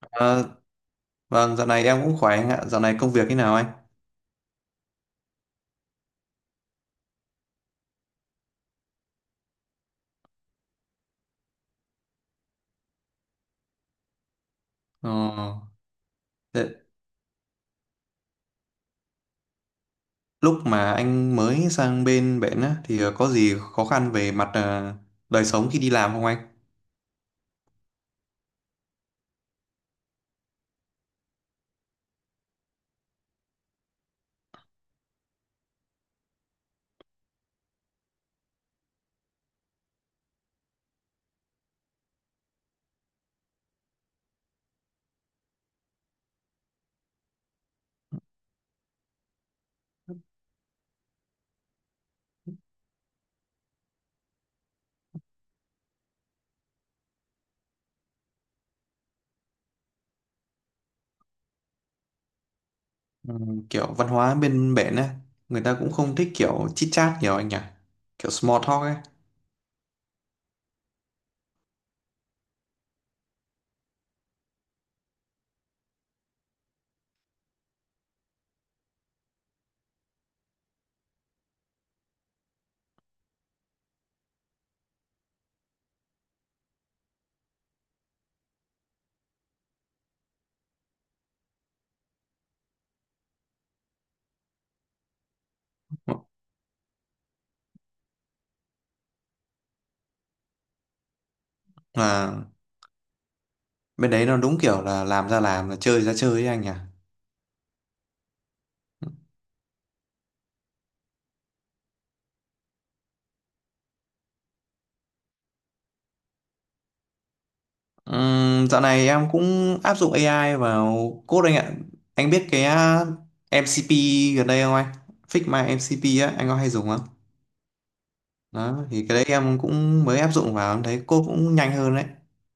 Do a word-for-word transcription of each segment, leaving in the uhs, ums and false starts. Ờ, vâng, dạo này em cũng khỏe anh ạ. Dạo này công việc thế nào anh? Ờ, thế lúc mà anh mới sang bên bển á, thì ờ, có gì khó khăn về mặt ờ, đời sống khi đi làm không anh? Ừ, kiểu văn hóa bên bển á, người ta cũng không thích kiểu chit chat nhiều anh nhỉ? Kiểu small talk ấy. Mà bên đấy nó đúng kiểu là làm ra làm, là chơi ra chơi ấy anh nhỉ? Ừm, dạo này em cũng áp dụng a i vào code anh ạ. Anh biết cái à, em si pi gần đây không anh? Figma em xê pê á, anh có hay dùng không? Đó, thì cái đấy em cũng mới áp dụng vào, em thấy code cũng nhanh hơn đấy.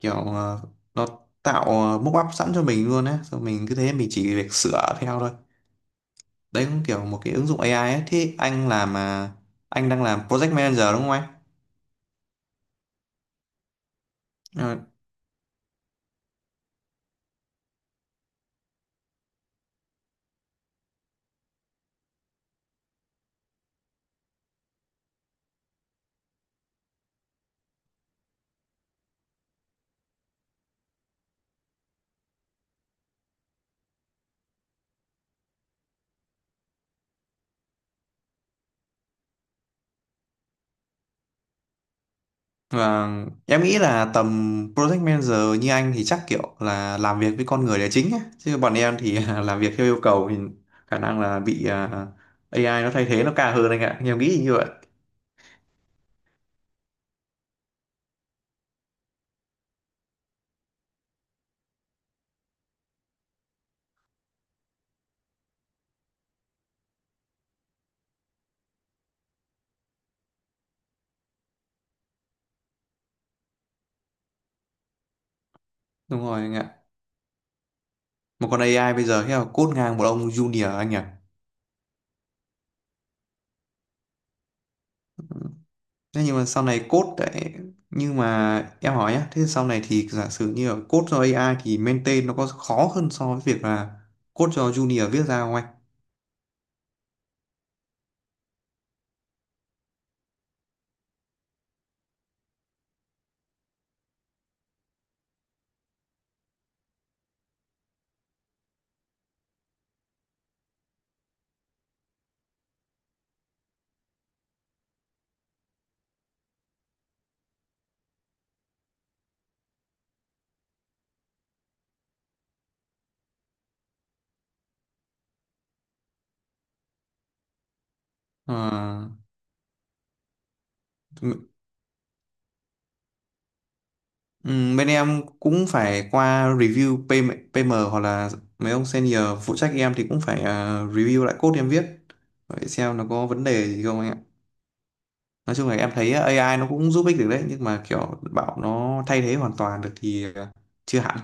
Kiểu à, nó tạo à, mockup sẵn cho mình luôn á, rồi mình cứ thế mình chỉ việc sửa theo thôi. Đấy cũng kiểu một cái ứng dụng a i ấy. Thế anh làm à, anh đang làm project manager đúng không anh? Ờ, Và em nghĩ là tầm project manager như anh thì chắc kiểu là làm việc với con người là chính ấy. Chứ bọn em thì làm việc theo yêu cầu thì khả năng là bị à, a i nó thay thế nó cao hơn anh ạ. Em nghĩ như vậy. Đúng rồi anh ạ. Một con a i bây giờ thế là code ngang một ông junior anh ạ. Thế nhưng mà sau này code đấy nhưng mà em hỏi nhá, thế sau này thì giả sử như là code cho a i thì maintain nó có khó hơn so với việc là code cho junior viết ra không anh? Ờ, Ừ, bên em cũng phải qua review pê em, pê em hoặc là mấy ông senior phụ trách em thì cũng phải ờ, review lại code em viết để xem nó có vấn đề gì không anh ạ. Nói chung là em thấy a i nó cũng giúp ích được đấy nhưng mà kiểu bảo nó thay thế hoàn toàn được thì ờ, chưa hẳn.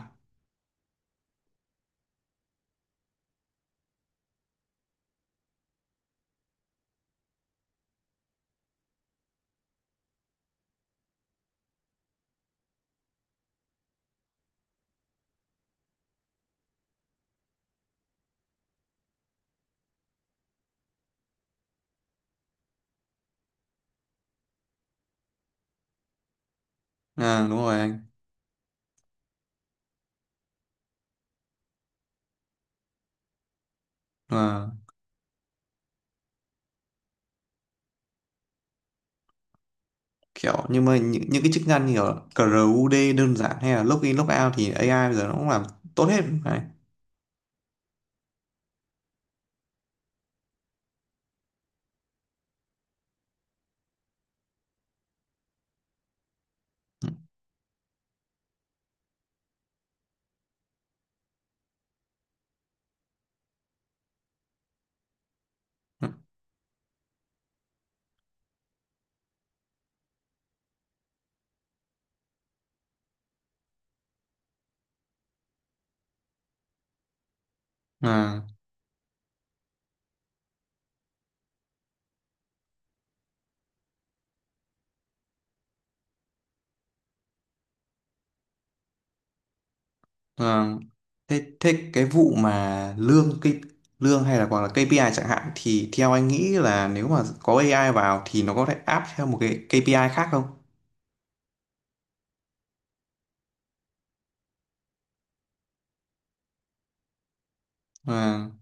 À, đúng rồi anh. À, kiểu nhưng mà những, những cái chức năng như kiểu cờ rút đơn giản hay là login logout thì a i bây giờ nó cũng làm tốt hết. Đấy. Ừ. Ừ. À. Vâng. Thế, thế cái vụ mà lương cái lương hay là hoặc là kây pi ai chẳng hạn thì theo anh nghĩ là nếu mà có a i vào thì nó có thể áp theo một cái kây pi ai khác không? Vâng.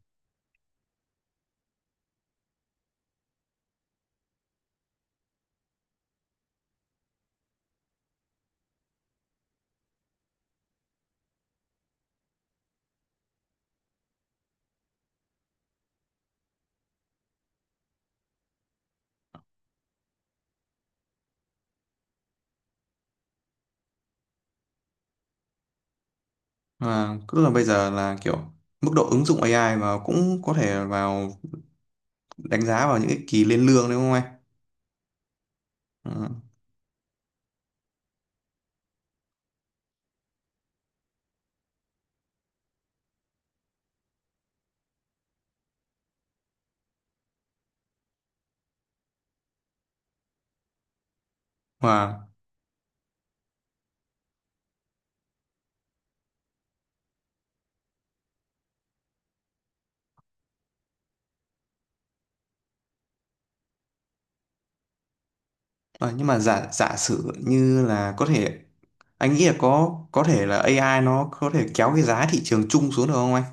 Vâng. Tức là bây giờ là kiểu mức độ ứng dụng a i vào cũng có thể vào đánh giá vào những cái kỳ lên lương đúng không anh? Vâng. Vâng. Ờ, Nhưng mà giả giả sử như là có thể anh nghĩ là có có thể là a i nó có thể kéo cái giá thị trường chung xuống được không anh?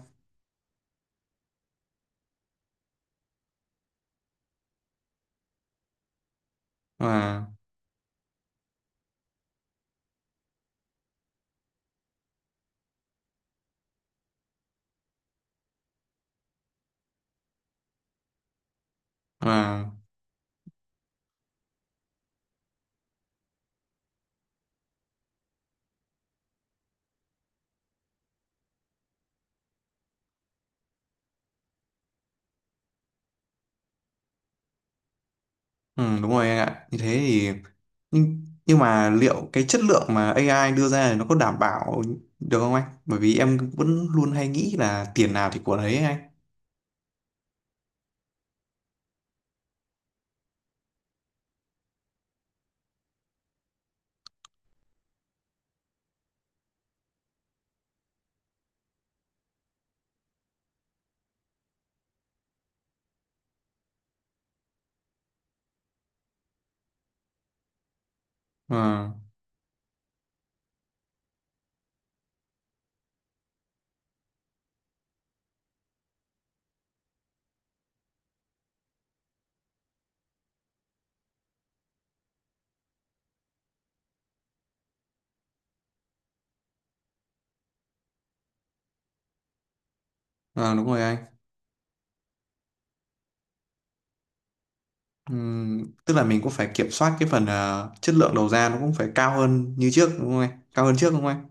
Vâng. Vâng. Ừ, đúng rồi anh ạ. Như thế thì nhưng, nhưng mà liệu cái chất lượng mà a i đưa ra thì nó có đảm bảo được không anh? Bởi vì em vẫn luôn hay nghĩ là tiền nào thì của đấy ấy anh. Ờ, ờ, đúng rồi anh. Ừm, tức là mình cũng phải kiểm soát cái phần ờ, chất lượng đầu ra nó cũng phải cao hơn như trước đúng không anh? Cao hơn trước đúng không anh?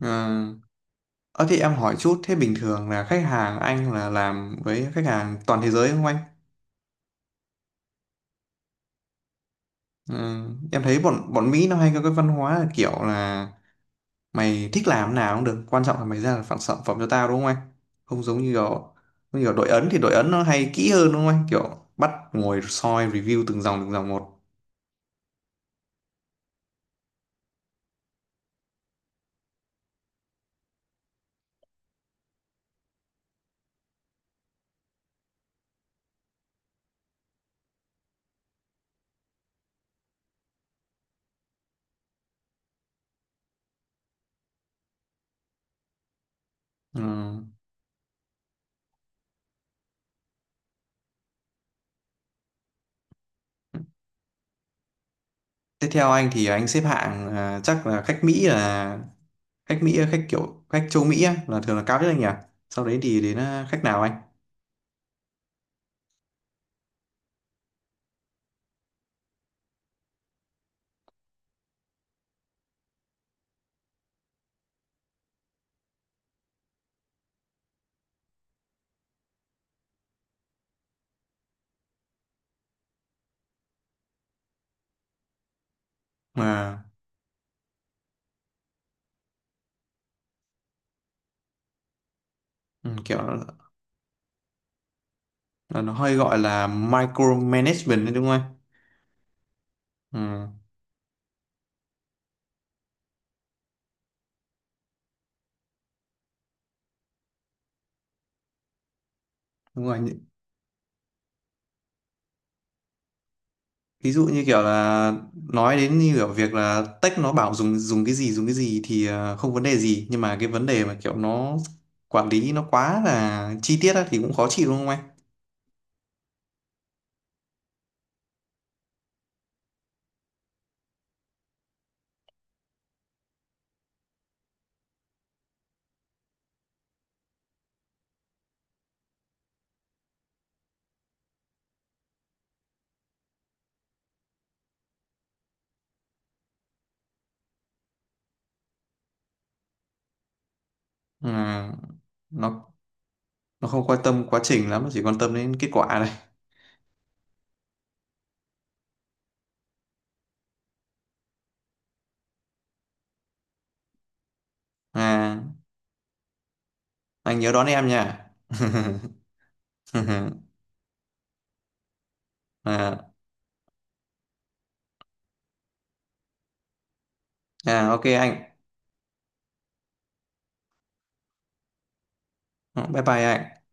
Ờ, ờ, thì em hỏi chút thế bình thường là khách hàng anh là làm với khách hàng toàn thế giới đúng không anh? Ờ, em thấy bọn bọn Mỹ nó hay có cái văn hóa là kiểu là mày thích làm nào cũng được, quan trọng là mày ra được phản sản phẩm cho tao đúng không anh, không giống như kiểu như kiểu đội ấn thì đội ấn nó hay kỹ hơn đúng không anh, kiểu bắt ngồi soi review từng dòng từng dòng một. Ừ. Tiếp theo anh thì anh xếp hạng à, chắc là khách Mỹ là khách Mỹ khách kiểu khách châu Mỹ á, là thường là cao nhất anh nhỉ, sau đấy thì đến à, khách nào anh mà ừ, kiểu là nó hơi gọi là micromanagement đấy đúng không anh? Ừ, đúng rồi, ví dụ như kiểu là nói đến như kiểu việc là tech nó bảo dùng dùng cái gì dùng cái gì thì ờ, không vấn đề gì nhưng mà cái vấn đề mà kiểu nó quản lý nó quá là chi tiết á, thì cũng khó chịu đúng không anh? à, nó nó không quan tâm quá trình lắm, nó chỉ quan tâm đến kết quả này. À, anh nhớ đón em nha à, à ok anh, bye bye anh.